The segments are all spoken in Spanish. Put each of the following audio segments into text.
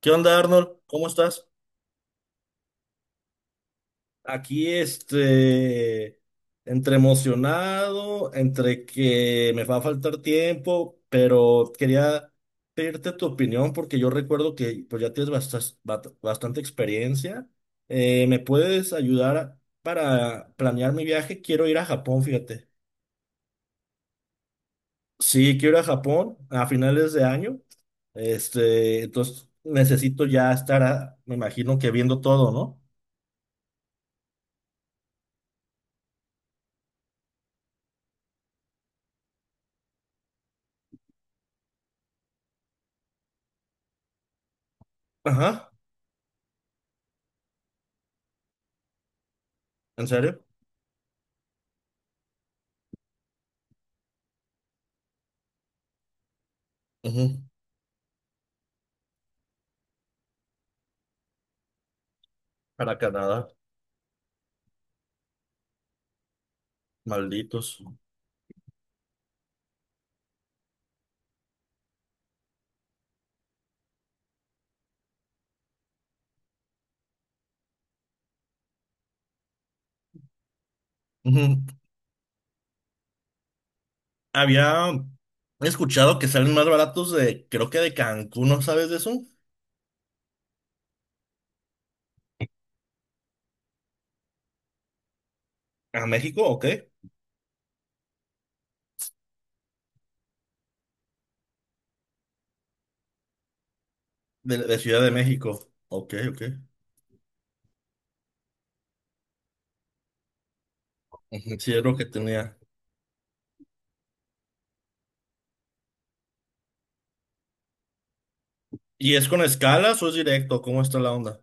¿Qué onda, Arnold? ¿Cómo estás? Aquí, entre emocionado, entre que me va a faltar tiempo, pero quería pedirte tu opinión porque yo recuerdo que pues, ya tienes bastante experiencia. ¿Me puedes ayudar para planear mi viaje? Quiero ir a Japón, fíjate. Sí, quiero ir a Japón a finales de año. Entonces necesito ya estar, me imagino que viendo todo, ¿no? Ajá, ¿en serio? Ujú. Para Canadá, malditos. Ujú. Había escuchado que salen más baratos de, creo que de Cancún, ¿no sabes de eso? ¿A México o qué? De Ciudad de México. Ok, ok. Ujú, sí, es lo que tenía. ¿Y es con escalas o es directo? ¿Cómo está la onda?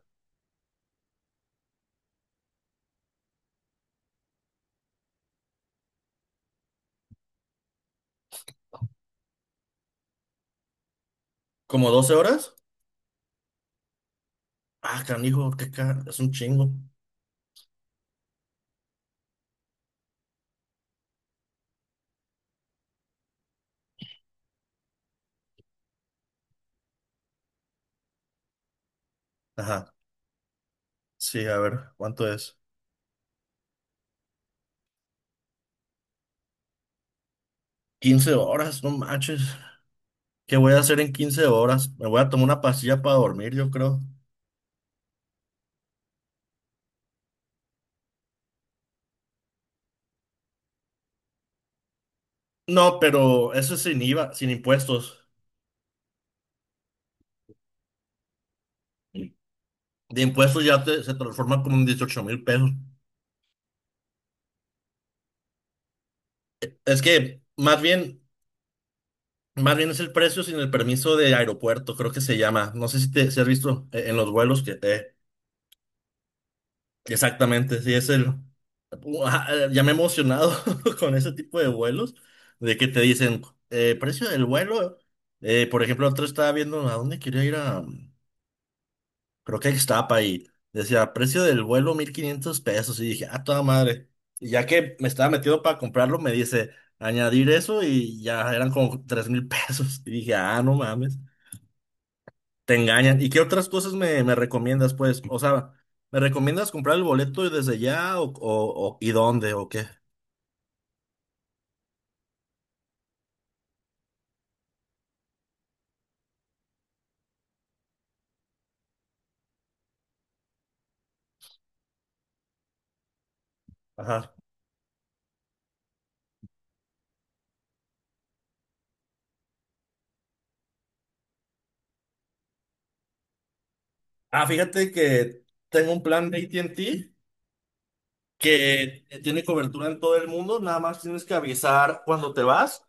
¿Como 12 horas? Ah, canijo, es un chingo. Ajá. Sí, a ver, ¿cuánto es? 15 horas, no manches. ¿Qué voy a hacer en 15 horas? Me voy a tomar una pastilla para dormir, yo creo. No, pero eso es sin IVA, sin impuestos. De impuestos ya se transforma como en 18.000 pesos. Es que más bien es el precio sin el permiso de aeropuerto, creo que se llama. No sé si te si has visto en los vuelos que exactamente, sí es el Ua, ya me he emocionado con ese tipo de vuelos de que te dicen precio del vuelo. Por ejemplo, otro estaba viendo a dónde quería ir a. Creo que Xtapa y decía, precio del vuelo 1.500 pesos. Y dije, ah, toda madre. Y ya que me estaba metido para comprarlo, me dice, añadir eso y ya eran como 3.000 pesos. Y dije, ah, no mames, te engañan. ¿Y qué otras cosas me recomiendas, pues? O sea, ¿me recomiendas comprar el boleto desde ya y dónde o qué? Ajá. Ah, fíjate que tengo un plan de AT&T que tiene cobertura en todo el mundo, nada más tienes que avisar cuando te vas,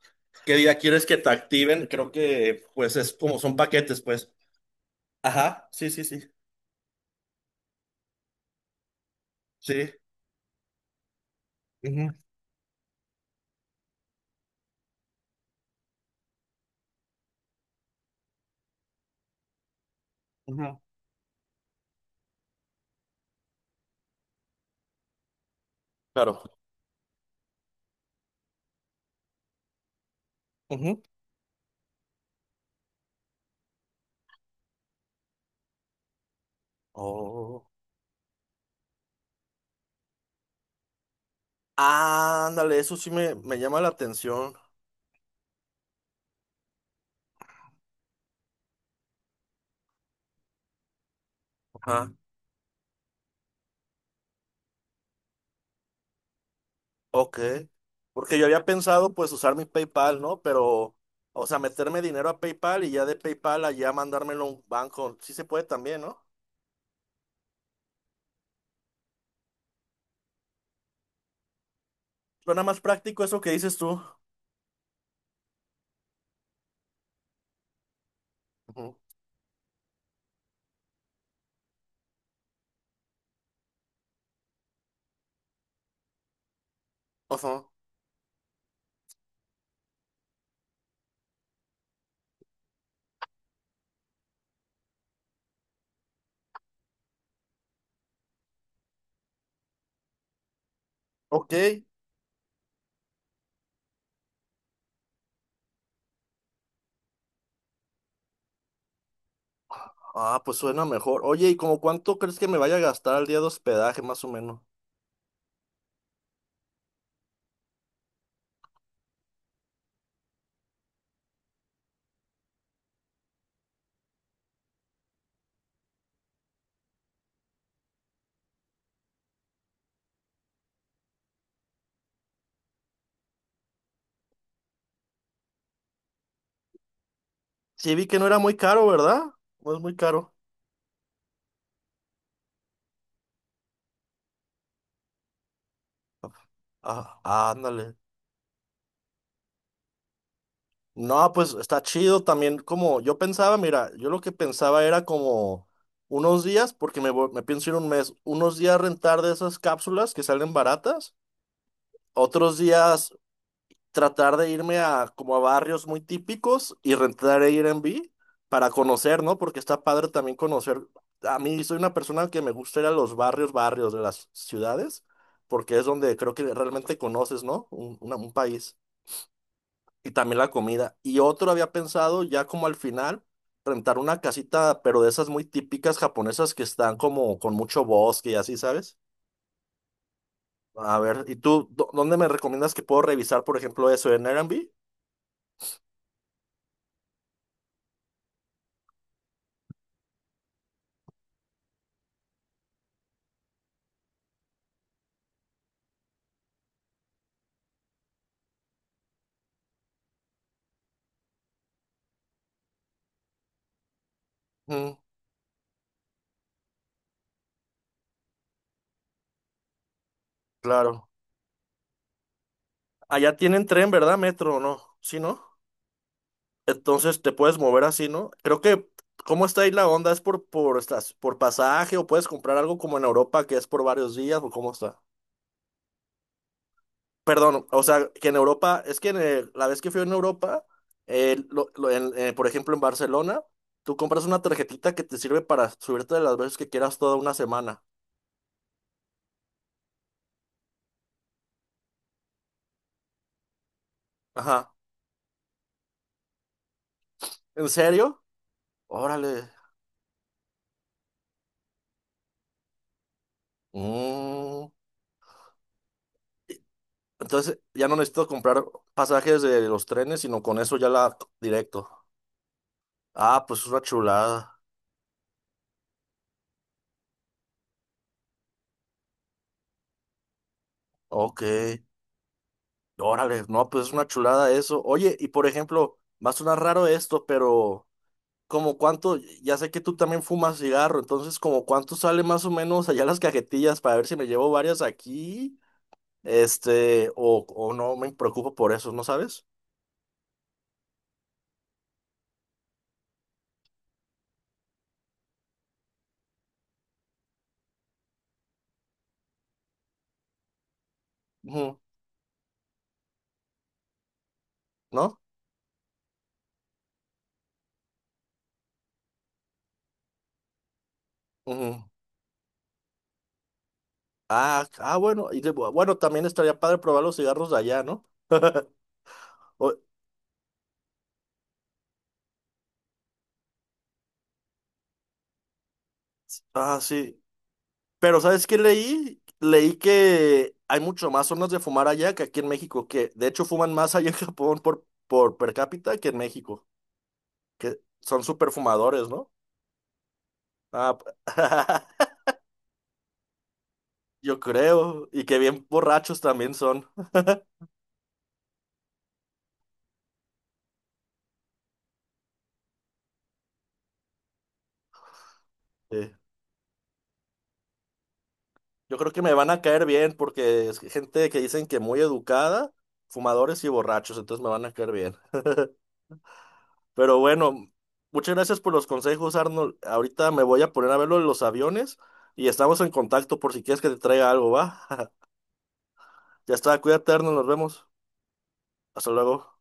qué día quieres que te activen, creo que pues es como son paquetes, pues. Ajá, sí, sí, sí, sí. Ujú, ujú, claro. Ujú. Oh. Ándale, eso sí me llama la atención. Ajá, ok. Porque yo había pensado pues usar mi PayPal, ¿no? Pero, o sea, meterme dinero a PayPal y ya de PayPal allá mandármelo a un banco. Sí se puede también, ¿no? Suena más práctico eso que dices tú. Ujú. Ujú. Ok. Ah, pues suena mejor. Oye, ¿y como cuánto crees que me vaya a gastar al día de hospedaje, más o menos? Sí, vi que no era muy caro, ¿verdad? No es muy caro. Ah, ah, ándale. No, pues está chido también. Como yo pensaba, mira, yo lo que pensaba era como unos días, porque me pienso ir un mes, unos días rentar de esas cápsulas que salen baratas, otros días tratar de irme a como a barrios muy típicos y rentar Airbnb para conocer, ¿no? Porque está padre también conocer. A mí soy una persona que me gusta ir a los barrios, barrios de las ciudades, porque es donde creo que realmente conoces, ¿no? Un país. Y también la comida. Y otro había pensado ya como al final, rentar una casita, pero de esas muy típicas japonesas que están como con mucho bosque y así, ¿sabes? A ver, ¿y tú dónde me recomiendas que puedo revisar, por ejemplo, eso en Airbnb? Mm, claro. Allá tienen tren, ¿verdad? Metro, ¿no? Sí, ¿no? Entonces te puedes mover así, ¿no? Creo que, ¿cómo está ahí la onda? ¿Es estas, por pasaje o puedes comprar algo como en Europa que es por varios días o cómo está? Perdón, o sea, que en Europa, es que la vez que fui en Europa, por ejemplo en Barcelona, tú compras una tarjetita que te sirve para subirte las veces que quieras toda una semana. Ajá. ¿En serio? Órale. Mm. Entonces ya no necesito comprar pasajes de los trenes, sino con eso ya la directo. Ah, pues es una chulada. Ok. Órale, no, pues es una chulada eso. Oye, y por ejemplo, va a sonar raro esto, pero como cuánto, ya sé que tú también fumas cigarro, entonces como cuánto sale más o menos allá las cajetillas para ver si me llevo varias aquí, o no me preocupo por eso, ¿no sabes? Ujú, ¿no? Ujú. Ah, ah, bueno, bueno, también estaría padre probar los cigarros de allá, ¿no? O- ah, sí. Pero ¿sabes qué leí? Leí que hay mucho más zonas de fumar allá que aquí en México, que de hecho fuman más allá en Japón por per cápita que en México, que son súper fumadores, ¿no? Ah, yo creo, y que bien borrachos también son. Sí. Yo creo que me van a caer bien porque es gente que dicen que muy educada, fumadores y borrachos, entonces me van a caer bien. Pero bueno, muchas gracias por los consejos, Arnold. Ahorita me voy a poner a ver lo de los aviones y estamos en contacto por si quieres que te traiga algo, ¿va? Ya está, cuídate, Arnold, nos vemos. Hasta luego.